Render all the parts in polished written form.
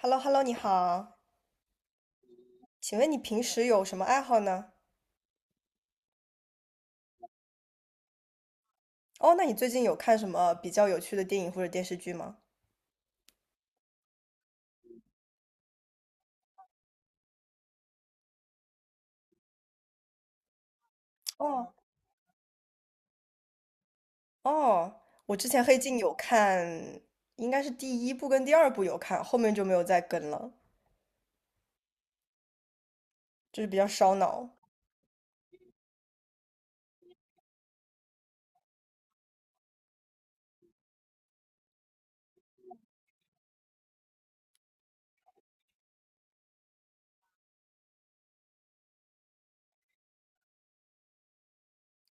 h e l l o h e l l o 你好，请问你平时有什么爱好呢？哦，那你最近有看什么比较有趣的电影或者电视剧吗？哦哦，我之前《黑镜》有看，应该是第一部跟第二部有看，后面就没有再跟了，就是比较烧脑。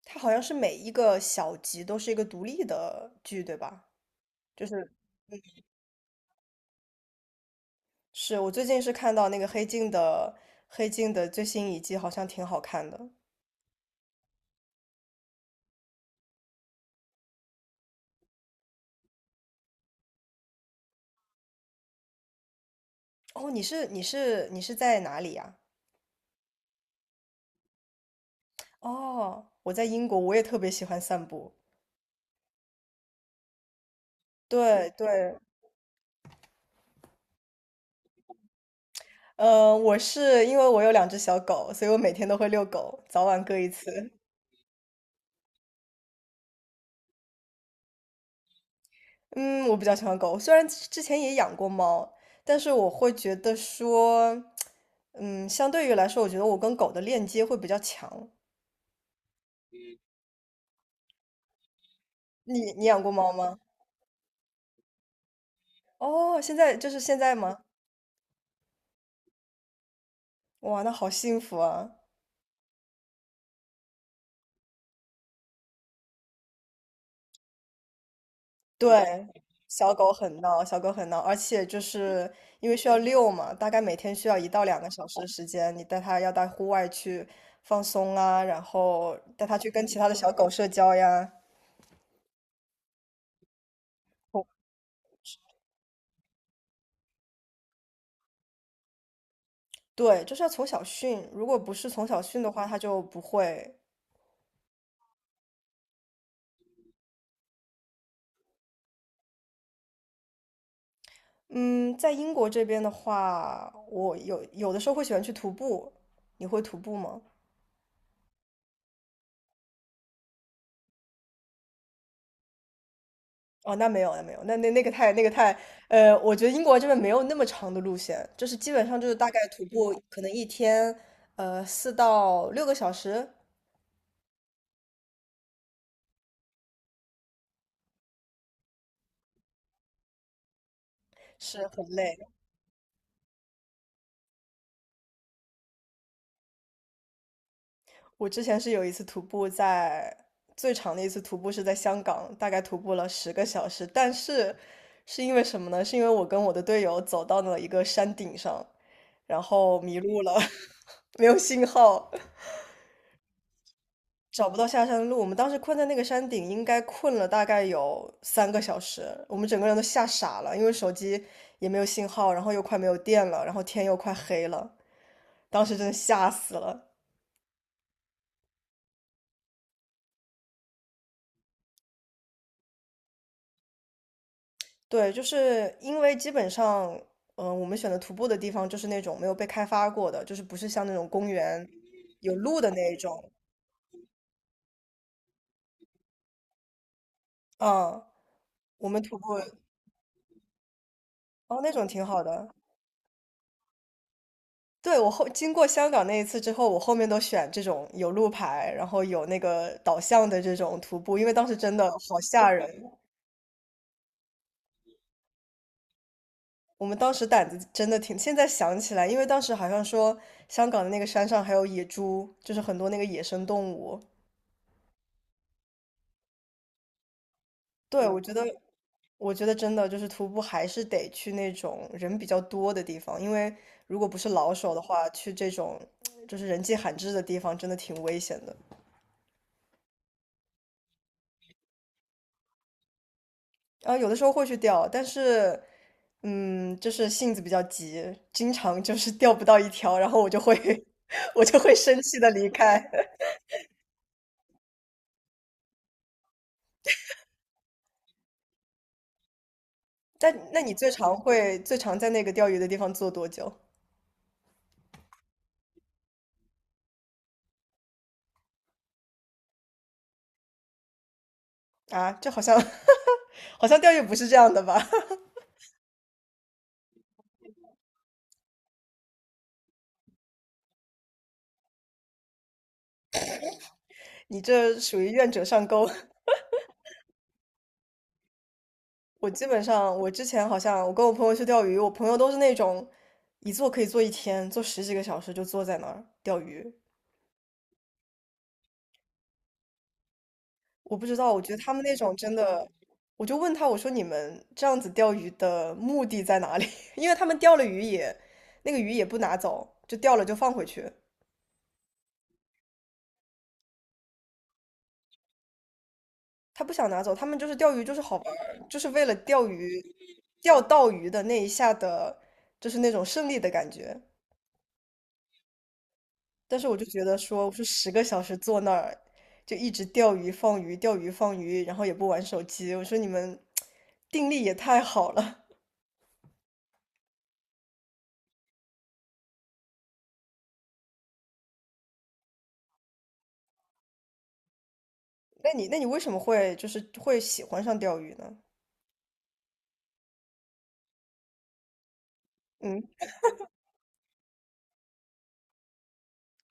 它好像是每一个小集都是一个独立的剧，对吧？就是是我最近是看到那个《黑镜》的最新一季，好像挺好看的。哦，你是在哪里呀？哦，我在英国，我也特别喜欢散步。对对，我是因为我有两只小狗，所以我每天都会遛狗，早晚各一次。嗯，我比较喜欢狗，虽然之前也养过猫，但是我会觉得说，相对于来说，我觉得我跟狗的链接会比较强。你养过猫吗？哦，现在就是现在吗？哇，那好幸福啊！对，小狗很闹，小狗很闹，而且就是因为需要遛嘛，大概每天需要一到两个小时的时间，你带它要到户外去放松啊，然后带它去跟其他的小狗社交呀。对，就是要从小训，如果不是从小训的话，它就不会。嗯，在英国这边的话，我有的时候会喜欢去徒步，你会徒步吗？哦，那没有，那没有，那那那个太那个太，我觉得英国这边没有那么长的路线，就是基本上就是大概徒步可能一天，4到6个小时是很累。我之前是有一次徒步在最长的一次徒步是在香港，大概徒步了十个小时，但是是因为什么呢？是因为我跟我的队友走到了一个山顶上，然后迷路了，没有信号，找不到下山的路，我们当时困在那个山顶，应该困了大概有3个小时，我们整个人都吓傻了，因为手机也没有信号，然后又快没有电了，然后天又快黑了，当时真的吓死了。对，就是因为基本上，我们选的徒步的地方就是那种没有被开发过的，就是不是像那种公园有路的那一种，嗯，我们徒步，哦，那种挺好的，对，我后经过香港那一次之后，我后面都选这种有路牌，然后有那个导向的这种徒步，因为当时真的好吓人。我们当时胆子真的挺，现在想起来，因为当时好像说香港的那个山上还有野猪，就是很多那个野生动物。对，我觉得,真的就是徒步还是得去那种人比较多的地方，因为如果不是老手的话，去这种就是人迹罕至的地方，真的挺危险的。啊，有的时候会去钓，但是，就是性子比较急，经常就是 钓不到一条，然后我就会 我就会生气的离开。但那你最常在那个钓鱼的地方坐多久啊？这好像 好像钓鱼不是这样的吧？你这属于愿者上钩。我基本上，我之前好像我跟我朋友去钓鱼，我朋友都是那种一坐可以坐一天，坐十几个小时就坐在那儿钓鱼。我不知道，我觉得他们那种真的，我就问他，我说你们这样子钓鱼的目的在哪里？因为他们钓了鱼也，那个鱼也不拿走，就钓了就放回去，他不想拿走，他们就是钓鱼就是好玩儿就是为了钓鱼，钓到鱼的那一下的，就是那种胜利的感觉。但是我就觉得说，我说十个小时坐那儿就一直钓鱼放鱼，钓鱼放鱼，然后也不玩手机，我说你们定力也太好了。那你为什么会就是会喜欢上钓鱼呢？嗯，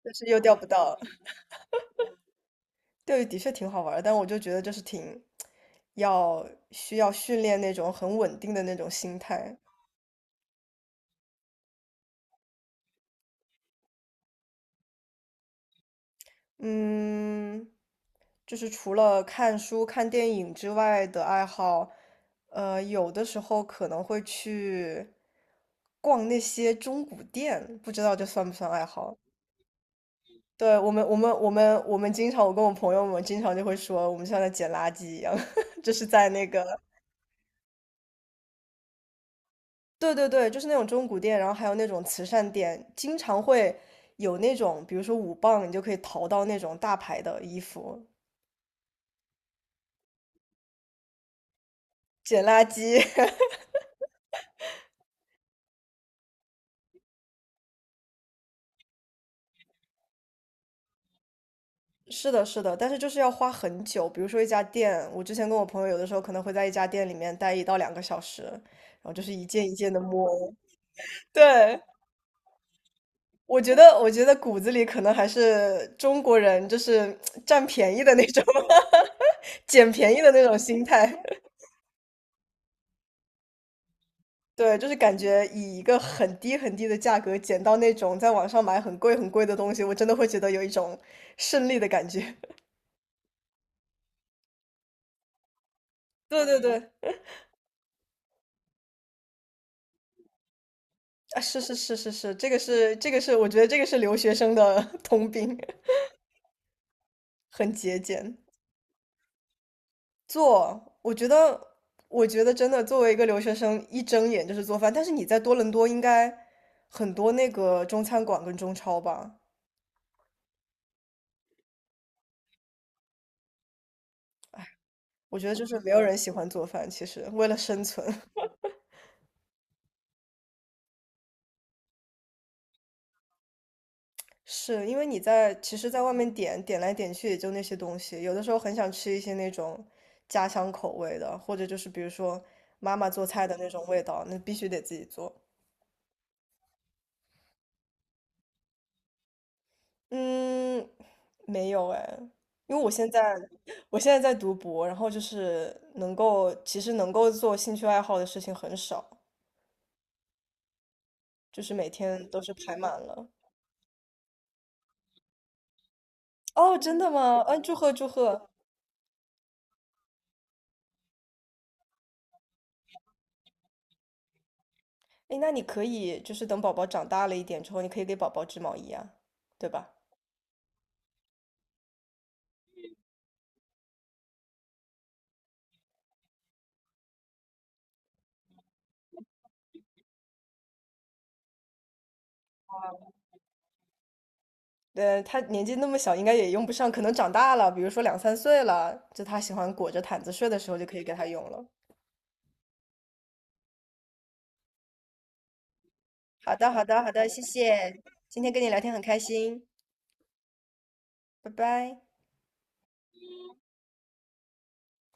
但是又钓不到 钓鱼的确挺好玩儿的但我就觉得就是挺需要训练那种很稳定的那种心态。嗯，就是除了看书、看电影之外的爱好，有的时候可能会去逛那些中古店，不知道这算不算爱好？对，我跟我朋友们经常就会说，我们像在捡垃圾一样，就是在那个对对对，就是那种中古店，然后还有那种慈善店，经常会有那种，比如说5磅，你就可以淘到那种大牌的衣服。捡垃圾，是的，是的，但是就是要花很久。比如说一家店，我之前跟我朋友有的时候可能会在一家店里面待一到两个小时，然后就是一件一件的摸。对，我觉得,骨子里可能还是中国人，就是占便宜的那种 捡便宜的那种心态。对，就是感觉以一个很低很低的价格捡到那种在网上买很贵很贵的东西，我真的会觉得有一种胜利的感觉。对对对，啊，是是是是是，这个是，我觉得这个是留学生的 通病，很节俭。做，我觉得,真的，作为一个留学生，一睁眼就是做饭。但是你在多伦多应该很多那个中餐馆跟中超吧？我觉得就是没有人喜欢做饭，其实为了生存，是因为你在其实，在外面点点来点去也就那些东西，有的时候很想吃一些那种家乡口味的，或者就是比如说妈妈做菜的那种味道，那必须得自己做。嗯，没有哎，因为我现在在读博，然后就是能够做兴趣爱好的事情很少，就是每天都是排满了。哦，真的吗？嗯，祝贺祝贺。哎，那你可以就是等宝宝长大了一点之后，你可以给宝宝织毛衣啊，对吧？对他年纪那么小，应该也用不上，可能长大了，比如说两三岁了，就他喜欢裹着毯子睡的时候，就可以给他用了。好的，好的，好的，谢谢，今天跟你聊天很开心，拜拜。